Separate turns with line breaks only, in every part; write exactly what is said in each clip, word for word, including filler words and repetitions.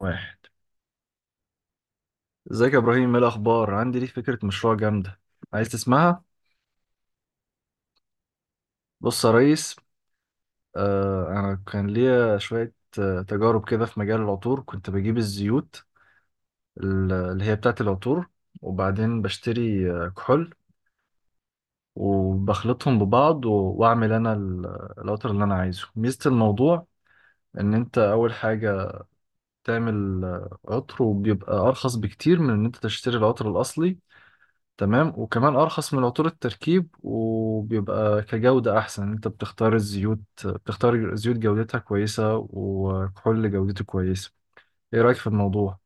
واحد. ازيك يا ابراهيم، ايه الاخبار؟ عندي ليك فكره مشروع جامده، عايز تسمعها؟ بص يا ريس. آه انا كان ليا شويه آه تجارب كده في مجال العطور. كنت بجيب الزيوت ال- اللي هي بتاعه العطور، وبعدين بشتري آه كحول وبخلطهم ببعض و- واعمل انا ال- العطر اللي انا عايزه. ميزه الموضوع ان انت اول حاجه تعمل آه، عطر، وبيبقى ارخص بكتير من ان انت تشتري العطر الاصلي، تمام؟ وكمان ارخص من عطور التركيب، وبيبقى كجودة احسن. انت بتختار الزيوت، بتختار زيوت جودتها كويسة وكحول جودته كويسة. ايه رأيك في الموضوع؟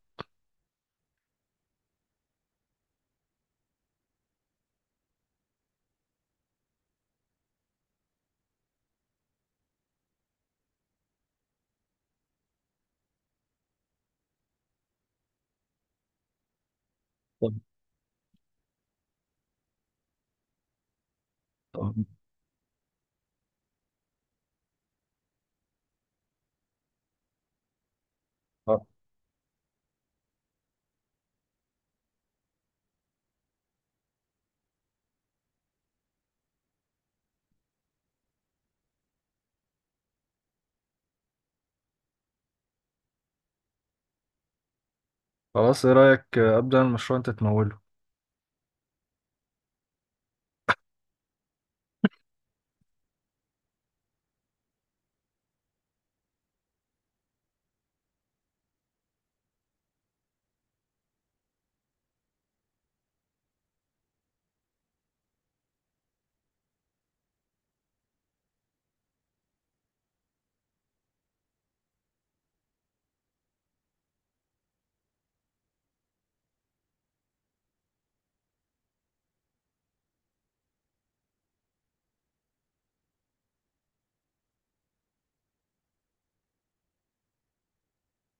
طب طب- آه، خلاص، ايه رأيك ابدأ المشروع انت تموله؟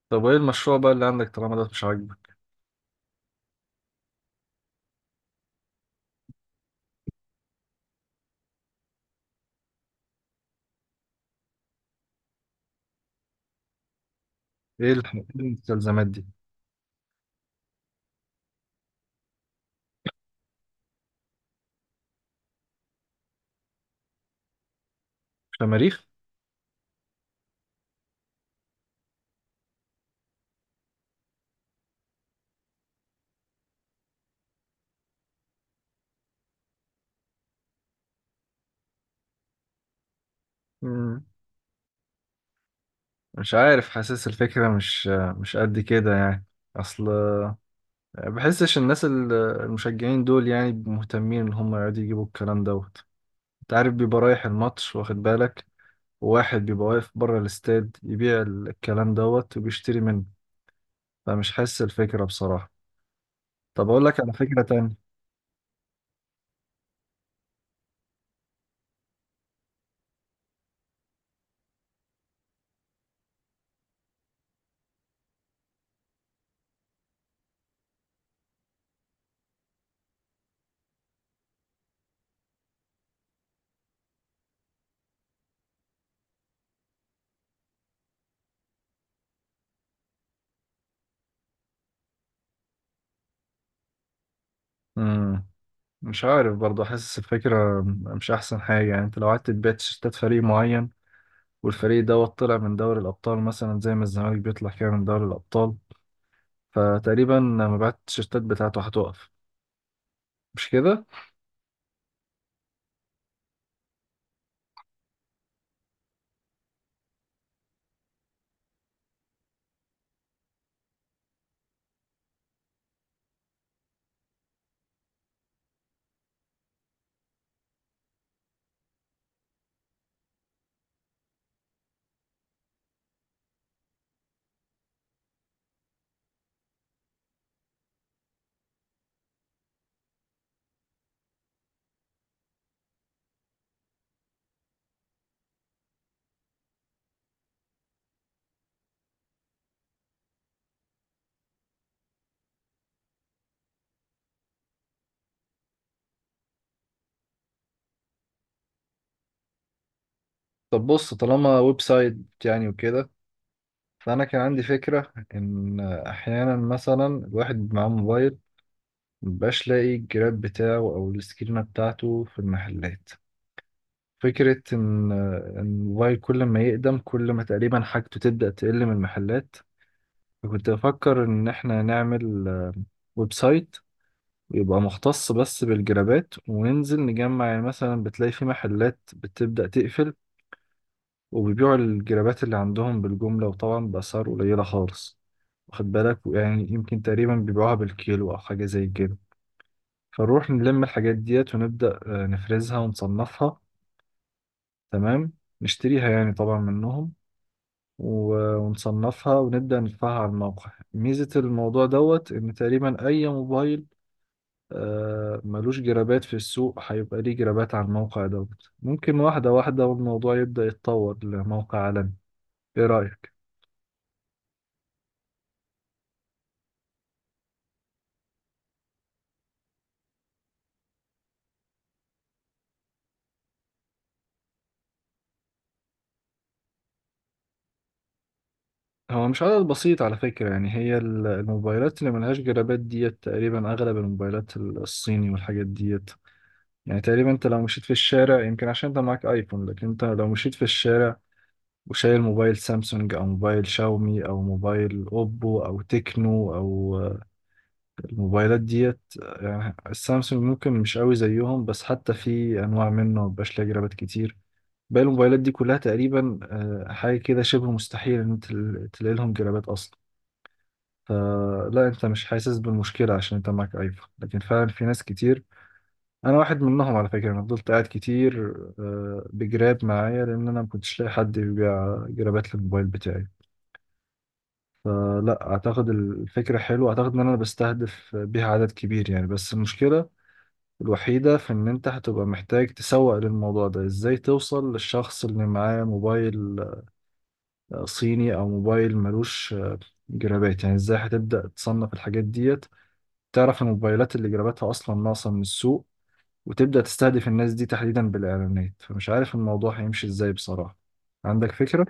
طب ايه المشروع بقى اللي عندك طالما ده مش عاجبك؟ ايه الح- إيه المستلزمات دي؟ شماريخ. مم، مش عارف، حاسس الفكرة مش مش قد كده يعني. اصل بحسش الناس ال- المشجعين دول يعني مهتمين ان هم يقعدوا يجيبوا الكلام دوت. انت عارف، بيبقى رايح الماتش واخد بالك، وواحد بيبقى واقف بره الاستاد يبيع الكلام دوت وبيشتري منه. فمش حاسس الفكرة بصراحة. طب اقول لك على فكرة تانية. امم مش عارف برضه، حاسس الفكرة مش احسن حاجة. يعني انت لو قعدت تبيع تيشيرتات فريق معين والفريق دوت طلع من دوري الابطال، مثلا زي ما الزمالك بيطلع كده من دوري الابطال، فتقريبا مبيعات التيشيرتات بتاعته هتقف، مش كده؟ طب بص، طالما ويب سايت يعني وكده، فأنا كان عندي فكرة إن أحيانا مثلا الواحد معاه موبايل مبقاش لاقي الجراب بتاعه أو السكرينة بتاعته في المحلات. فكرة إن إن الموبايل كل ما يقدم، كل ما تقريبا حاجته تبدأ تقل من المحلات. فكنت بفكر إن إحنا نعمل آه، ويب سايت، ويبقى مختص بس بالجرابات، وننزل نجمع. يعني مثلا بتلاقي في محلات بتبدأ تقفل، وبيبيعوا الجرابات اللي عندهم بالجملة، وطبعا بأسعار قليلة خالص. واخد بالك؟ يعني يمكن تقريبا بيبيعوها بالكيلو أو حاجة زي كده. فنروح نلم الحاجات ديت، ونبدأ آه، نفرزها ونصنفها، تمام، نشتريها يعني طبعا منهم و- ونصنفها ونبدأ ندفعها على الموقع. ميزة الموضوع دوت إن تقريبا أي موبايل آه، ملوش جرابات في السوق هيبقى ليه جرابات على الموقع دوت. ممكن واحدة واحدة والموضوع يبدأ يتطور لموقع عالمي. إيه رأيك؟ هو مش عدد بسيط على فكرة. يعني هي ال- الموبايلات اللي ملهاش جرابات ديت تقريبا أغلب الموبايلات، ال- الصيني والحاجات ديت. يعني تقريبا أنت لو مشيت في الشارع، يمكن عشان أنت معاك آيفون، لكن أنت لو مشيت في الشارع وشايل موبايل سامسونج أو موبايل شاومي أو موبايل أوبو أو تكنو أو آه، الموبايلات ديت، آه، يعني السامسونج ممكن مش قوي زيهم، بس حتى في أنواع منه مبقاش ليها جرابات كتير. باقي الموبايلات دي كلها تقريبا آه، حاجة كده شبه مستحيل إن أنت تل- تلاقي لهم جرابات أصلا. فلا، انت مش حاسس بالمشكله عشان انت معاك ايفون، لكن فعلا في ناس كتير. انا واحد منهم على فكره. انا فضلت قاعد كتير آه، بجراب معايا لان انا ما كنتش لاقي حد يبيع جرابات للموبايل بتاعي. فلا اعتقد الفكره حلوه، اعتقد ان انا بستهدف بيها عدد كبير يعني. بس المشكله الوحيده في ان انت هتبقى محتاج تسوق للموضوع ده. ازاي توصل للشخص اللي معاه موبايل آه، صيني او موبايل ملوش آه، جرابات؟ يعني ازاي هتبدا تصنف الحاجات ديت؟ تعرف ان الموبايلات اللي جراباتها اصلا ناقصه من السوق، وتبدا تستهدف الناس دي تحديدا بالاعلانات. فمش عارف الموضوع هيمشي ازاي بصراحه. عندك فكره؟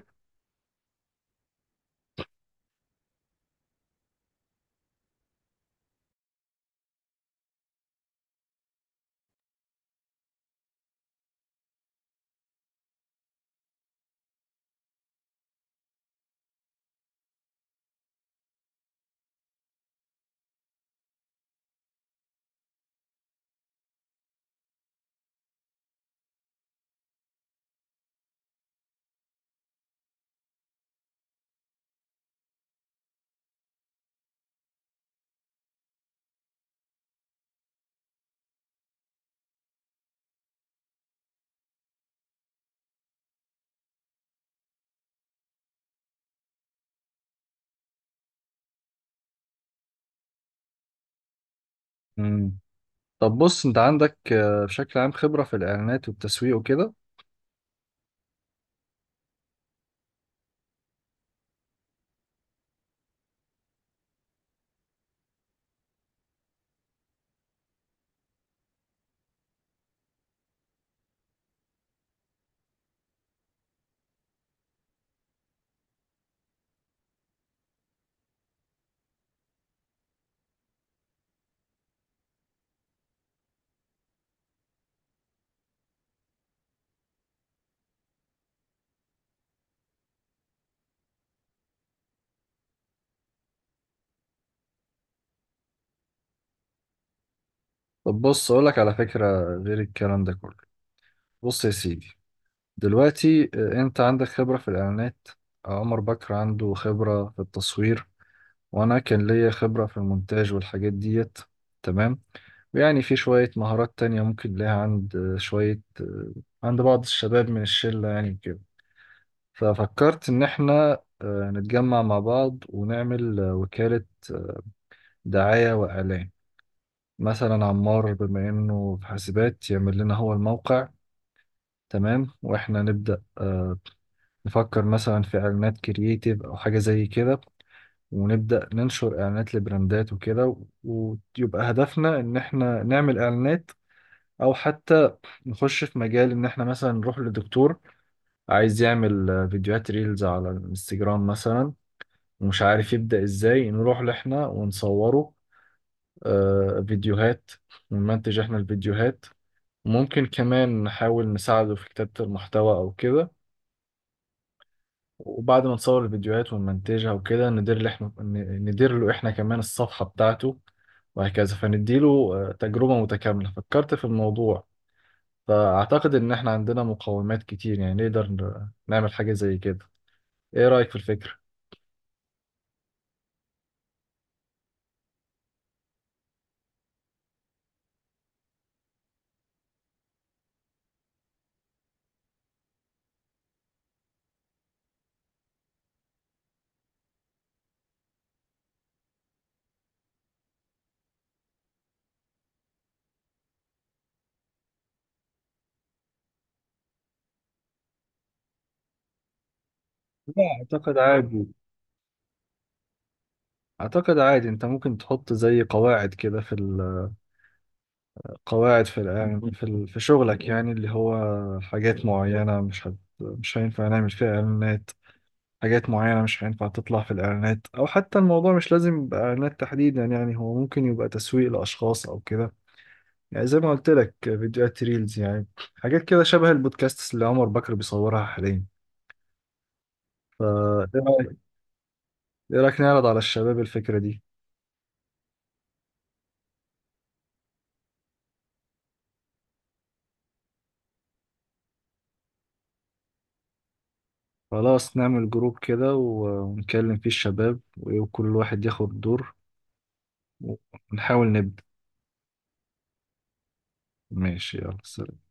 امم طب بص، انت عندك آه، بشكل عام خبره في الاعلانات والتسويق وكده؟ طب بص اقولك على فكره، غير الكلام ده كله. بص يا سيدي، دلوقتي آه، انت عندك خبره في الاعلانات، آه، عمر بكر عنده خبره في التصوير، وانا كان ليا خبره في المونتاج والحاجات ديت، تمام. يعني في شوية مهارات تانية ممكن ليها عند شوية، عند بعض الشباب من الشلة يعني كده. ففكرت إن إحنا آه، نتجمع مع بعض ونعمل آه، وكالة دعاية وإعلان. مثلا عمار بما إنه في حاسبات يعمل لنا هو الموقع، تمام، وإحنا نبدأ آه، نفكر مثلا في إعلانات كرييتيف أو حاجة زي كده، ونبدأ ننشر إعلانات لبراندات وكده. ويبقى هدفنا إن إحنا نعمل إعلانات، أو حتى نخش في مجال ان احنا مثلا نروح لدكتور عايز يعمل آه، فيديوهات ريلز على الانستجرام مثلا، ومش عارف يبدأ ازاي، نروح لإحنا ونصوره آه، فيديوهات، ونمنتج احنا الفيديوهات. ممكن كمان نحاول نساعده في كتابة المحتوى او كده. وبعد ما نصور الفيديوهات ونمنتجها وكده، ندير له احنا ن- ندير له احنا كمان الصفحة بتاعته وهكذا. فنديله آه، تجربة متكاملة. فكرت في الموضوع، فأعتقد إن إحنا عندنا مقومات كتير يعني، نقدر ن- نعمل حاجة زي كده. إيه رأيك في الفكرة؟ لا أعتقد عادي. أعتقد عادي، أنت ممكن تحط زي قواعد كده في القواعد، في الإعلان- في ال- في شغلك، يعني اللي هو حاجات معينة مش هت... مش هينفع نعمل فيها إعلانات، حاجات معينة مش هينفع تطلع في الإعلانات. أو حتى الموضوع مش لازم يبقى إعلانات تحديدا، يعني هو ممكن يبقى تسويق لأشخاص أو كده. يعني زي ما قلت لك، فيديوهات ريلز يعني، حاجات كده شبه البودكاست اللي عمر بكر بيصورها حاليا. فا إيه رأيك؟ إيه رأيك نعرض على الشباب الفكرة دي؟ خلاص، نعمل جروب كده و- ونكلم فيه الشباب وكل واحد ياخد دور، ونحاول نبدأ. ماشي، يلا سلام.